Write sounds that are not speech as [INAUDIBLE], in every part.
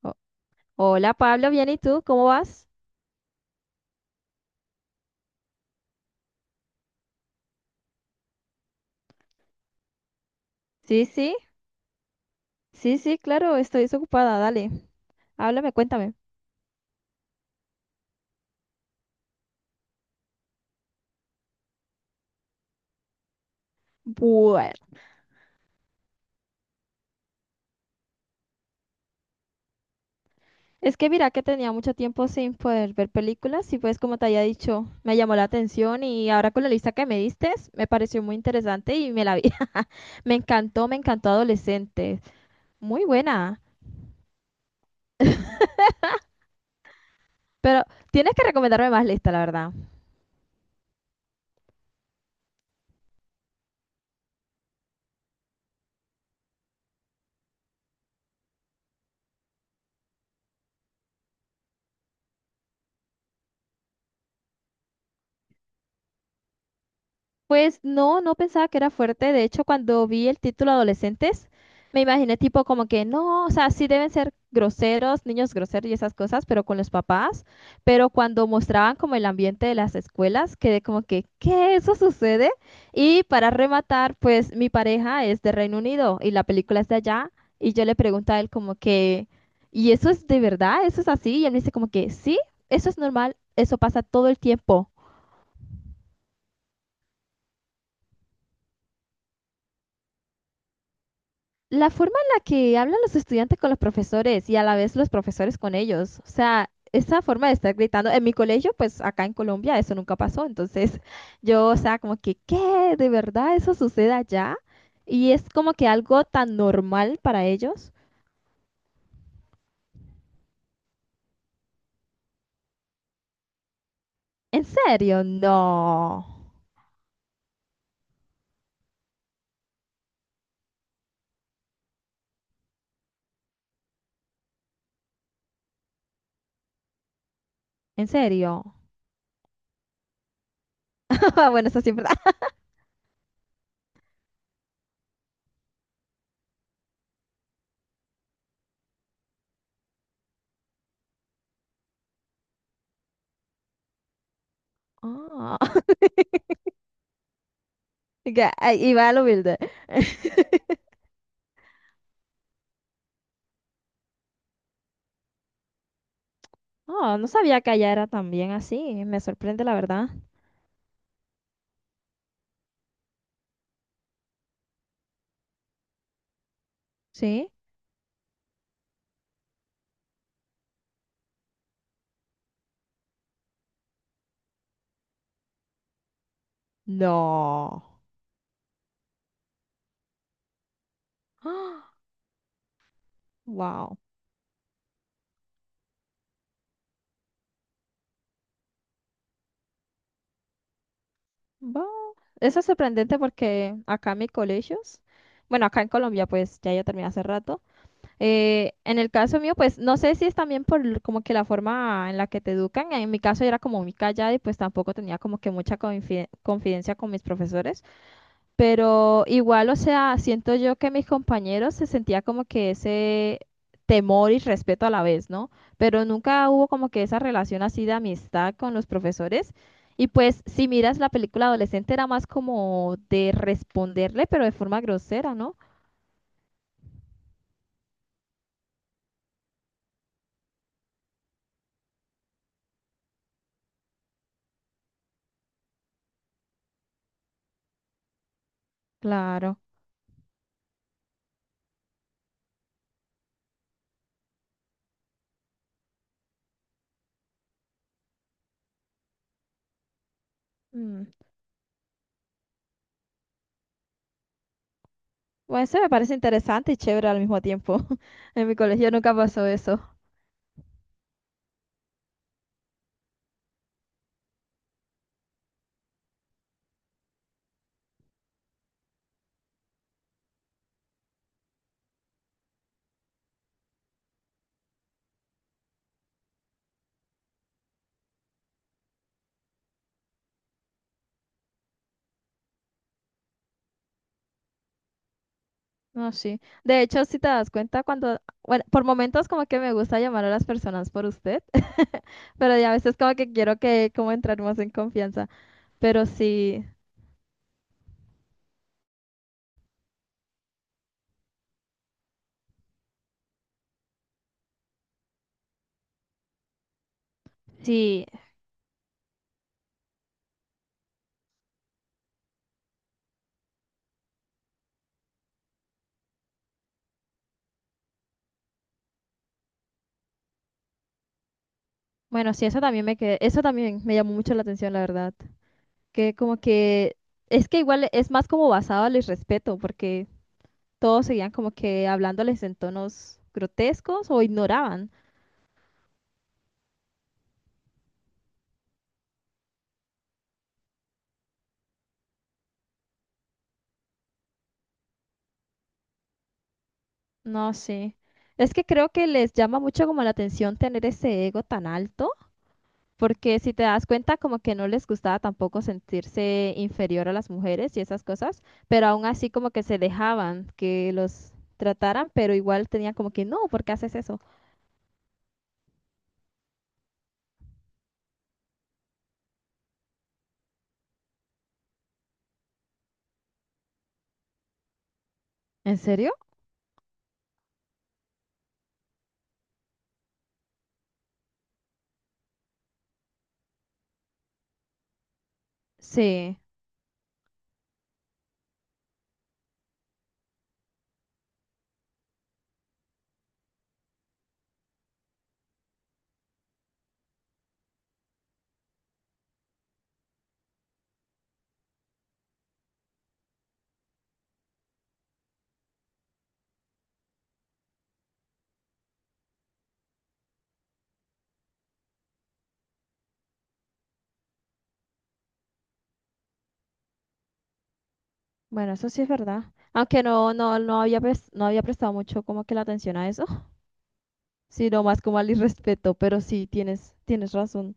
O- Hola Pablo, bien, ¿y tú? ¿Cómo vas? Sí, sí, sí, sí, claro, estoy desocupada, dale, háblame, cuéntame. Bueno, es que mira que tenía mucho tiempo sin poder ver películas y pues como te había dicho, me llamó la atención y ahora con la lista que me diste, me pareció muy interesante y me la vi. [LAUGHS] Me encantó Adolescente, muy buena, pero tienes que recomendarme más lista, la verdad. Pues no pensaba que era fuerte. De hecho, cuando vi el título Adolescentes, me imaginé tipo como que no, o sea, sí deben ser groseros, niños groseros y esas cosas, pero con los papás. Pero cuando mostraban como el ambiente de las escuelas, quedé como que, ¿qué? ¿Eso sucede? Y para rematar, pues mi pareja es de Reino Unido y la película es de allá. Y yo le pregunto a él como que, ¿y eso es de verdad? ¿Eso es así? Y él me dice como que sí, eso es normal, eso pasa todo el tiempo. La forma en la que hablan los estudiantes con los profesores y a la vez los profesores con ellos. O sea, esa forma de estar gritando. En mi colegio, pues acá en Colombia, eso nunca pasó. Entonces, [LAUGHS] yo, o sea, como que, ¿qué? ¿De verdad eso sucede allá? Y es como que algo tan normal para ellos. ¿En serio? No. ¿En serio? [LAUGHS] Bueno, eso sí es verdad. Ah, [LAUGHS] ya, ahí- y va lo humilde. [LAUGHS] Ah, no sabía que allá era también así. Me sorprende, la verdad. ¿Sí? No. [GASPS] Wow. Va. Eso es sorprendente porque acá en mis colegios, bueno, acá en Colombia, pues ya yo terminé hace rato. En el caso mío, pues no sé si es también por l- como que la forma en la que te educan. En mi caso yo era como muy callada y pues tampoco tenía como que mucha confi- confidencia con mis profesores. Pero igual, o sea, siento yo que mis compañeros se sentía como que ese temor y respeto a la vez, ¿no? Pero nunca hubo como que esa relación así de amistad con los profesores. Y pues, si miras la película adolescente, era más como de responderle, pero de forma grosera, ¿no? Claro. Mm. Bueno, eso me parece interesante y chévere al mismo tiempo. [LAUGHS] En mi colegio nunca pasó eso. No, sí. De hecho, si te das cuenta, cuando, bueno, por momentos como que me gusta llamar a las personas por usted, [LAUGHS] pero ya a veces como que quiero que como entrar más en confianza. Pero sí, sí, bueno, sí, eso también me que, eso también me llamó mucho la atención, la verdad. Que como que, es que igual es más como basado al irrespeto, porque todos seguían como que hablándoles en tonos grotescos o ignoraban. No sí. Es que creo que les llama mucho como la atención tener ese ego tan alto. Porque si te das cuenta, como que no les gustaba tampoco sentirse inferior a las mujeres y esas cosas, pero aún así como que se dejaban que los trataran, pero igual tenían como que, no, ¿por qué haces eso? ¿En serio? Sí, bueno, eso sí es verdad. Aunque no había, pres- no había prestado mucho como que la atención a eso, sino más como al irrespeto, pero sí, tienes, tienes razón.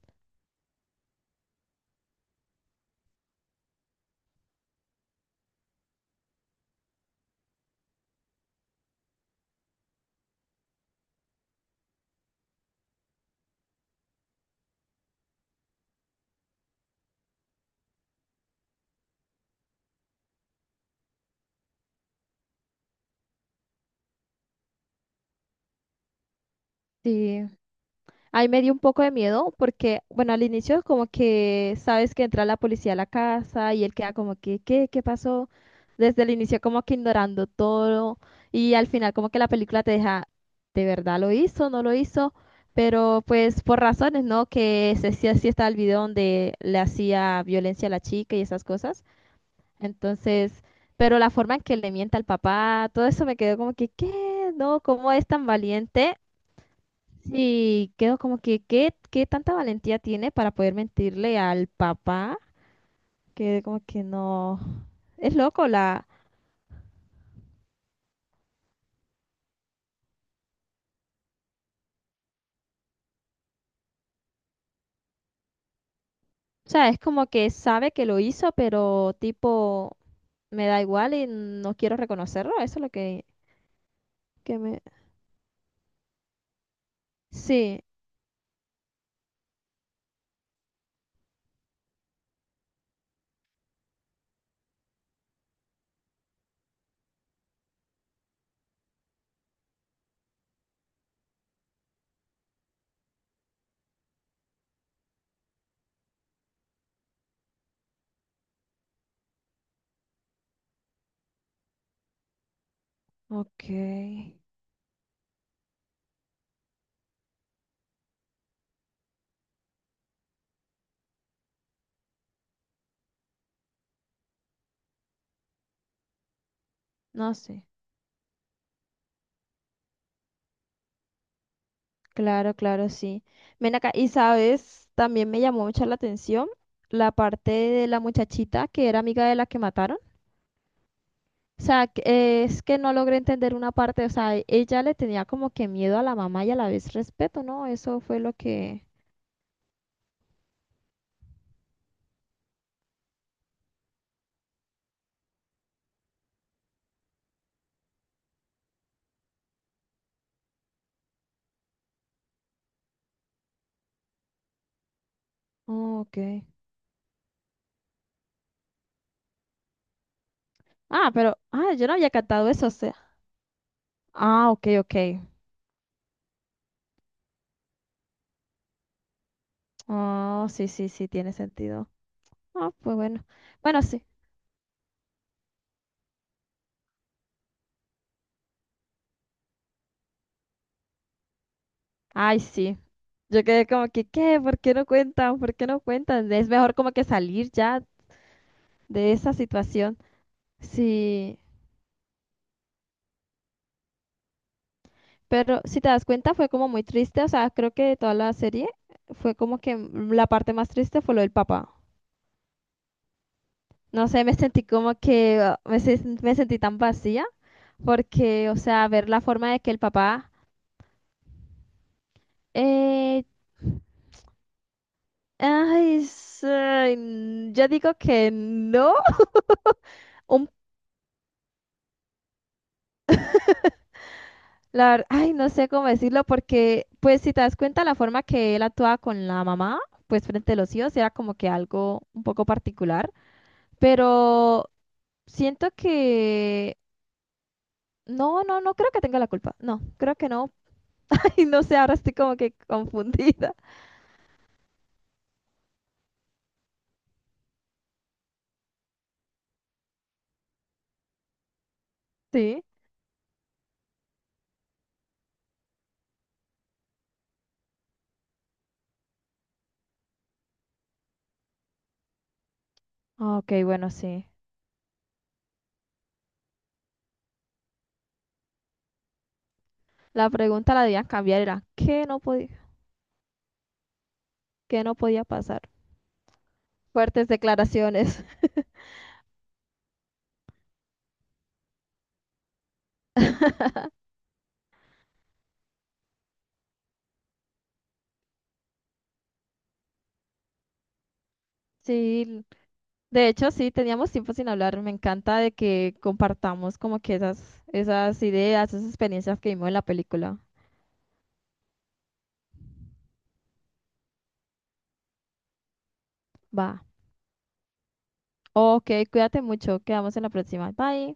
Sí, ahí me dio un poco de miedo porque, bueno, al inicio como que sabes que entra la policía a la casa y él queda como que, ¿qué? ¿Qué pasó? Desde el inicio como que ignorando todo y al final como que la película te deja, ¿de verdad lo hizo? ¿No lo hizo? Pero pues por razones, ¿no? Que se sí, sí estaba el video donde le hacía violencia a la chica y esas cosas. Entonces, pero la forma en que le miente al papá, todo eso me quedó como que, ¿qué? ¿No? ¿Cómo es tan valiente? Sí, quedo como que, ¿qué, qué tanta valentía tiene para poder mentirle al papá? Que como que no. Es loco la. O sea, es como que sabe que lo hizo, pero tipo, me da igual y no quiero reconocerlo. Eso es lo que me. Sí, ok. No sé. Claro, claro, sí. Ven acá. Y sabes, también me llamó mucho la atención la parte de la muchachita que era amiga de la que mataron. O sea, es que no logré entender una parte, o sea, ella le tenía como que miedo a la mamá y a la vez respeto, ¿no? Eso fue lo que... Oh, ok. Ah, pero... Ah, yo no había cantado eso, o sea... Ah, ok, ok. Oh, sí, sí, sí, tiene sentido. Ah, pues bueno. Bueno, sí. Ay, sí. Yo quedé como que, ¿qué? ¿Por qué no cuentan? ¿Por qué no cuentan? Es mejor como que salir ya de esa situación. Sí. Pero si te das cuenta, fue como muy triste. O sea, creo que de toda la serie fue como que m- la parte más triste fue lo del papá. No sé, me sentí como que ah, me, se- me sentí tan vacía porque, o sea, ver la forma de que el papá... eh, ay, es, ay, n- yo digo que no. Un, la, ver- ay, no sé cómo decirlo porque, pues si te das cuenta, la forma que él actuaba con la mamá, pues frente a los hijos, era como que algo un poco particular. Pero... Siento que... No creo que tenga la culpa. No, creo que no. [LAUGHS] Y no sé, ahora estoy como que confundida. [LAUGHS] Sí. Ah, ok, bueno, sí. La pregunta la debían cambiar, era qué no podía pasar? Fuertes declaraciones. [LAUGHS] Sí, de hecho sí, teníamos tiempo sin hablar. Me encanta de que compartamos como que esas, esas ideas, esas experiencias que vimos en la película. Va. Ok, cuídate mucho. Quedamos en la próxima. Bye.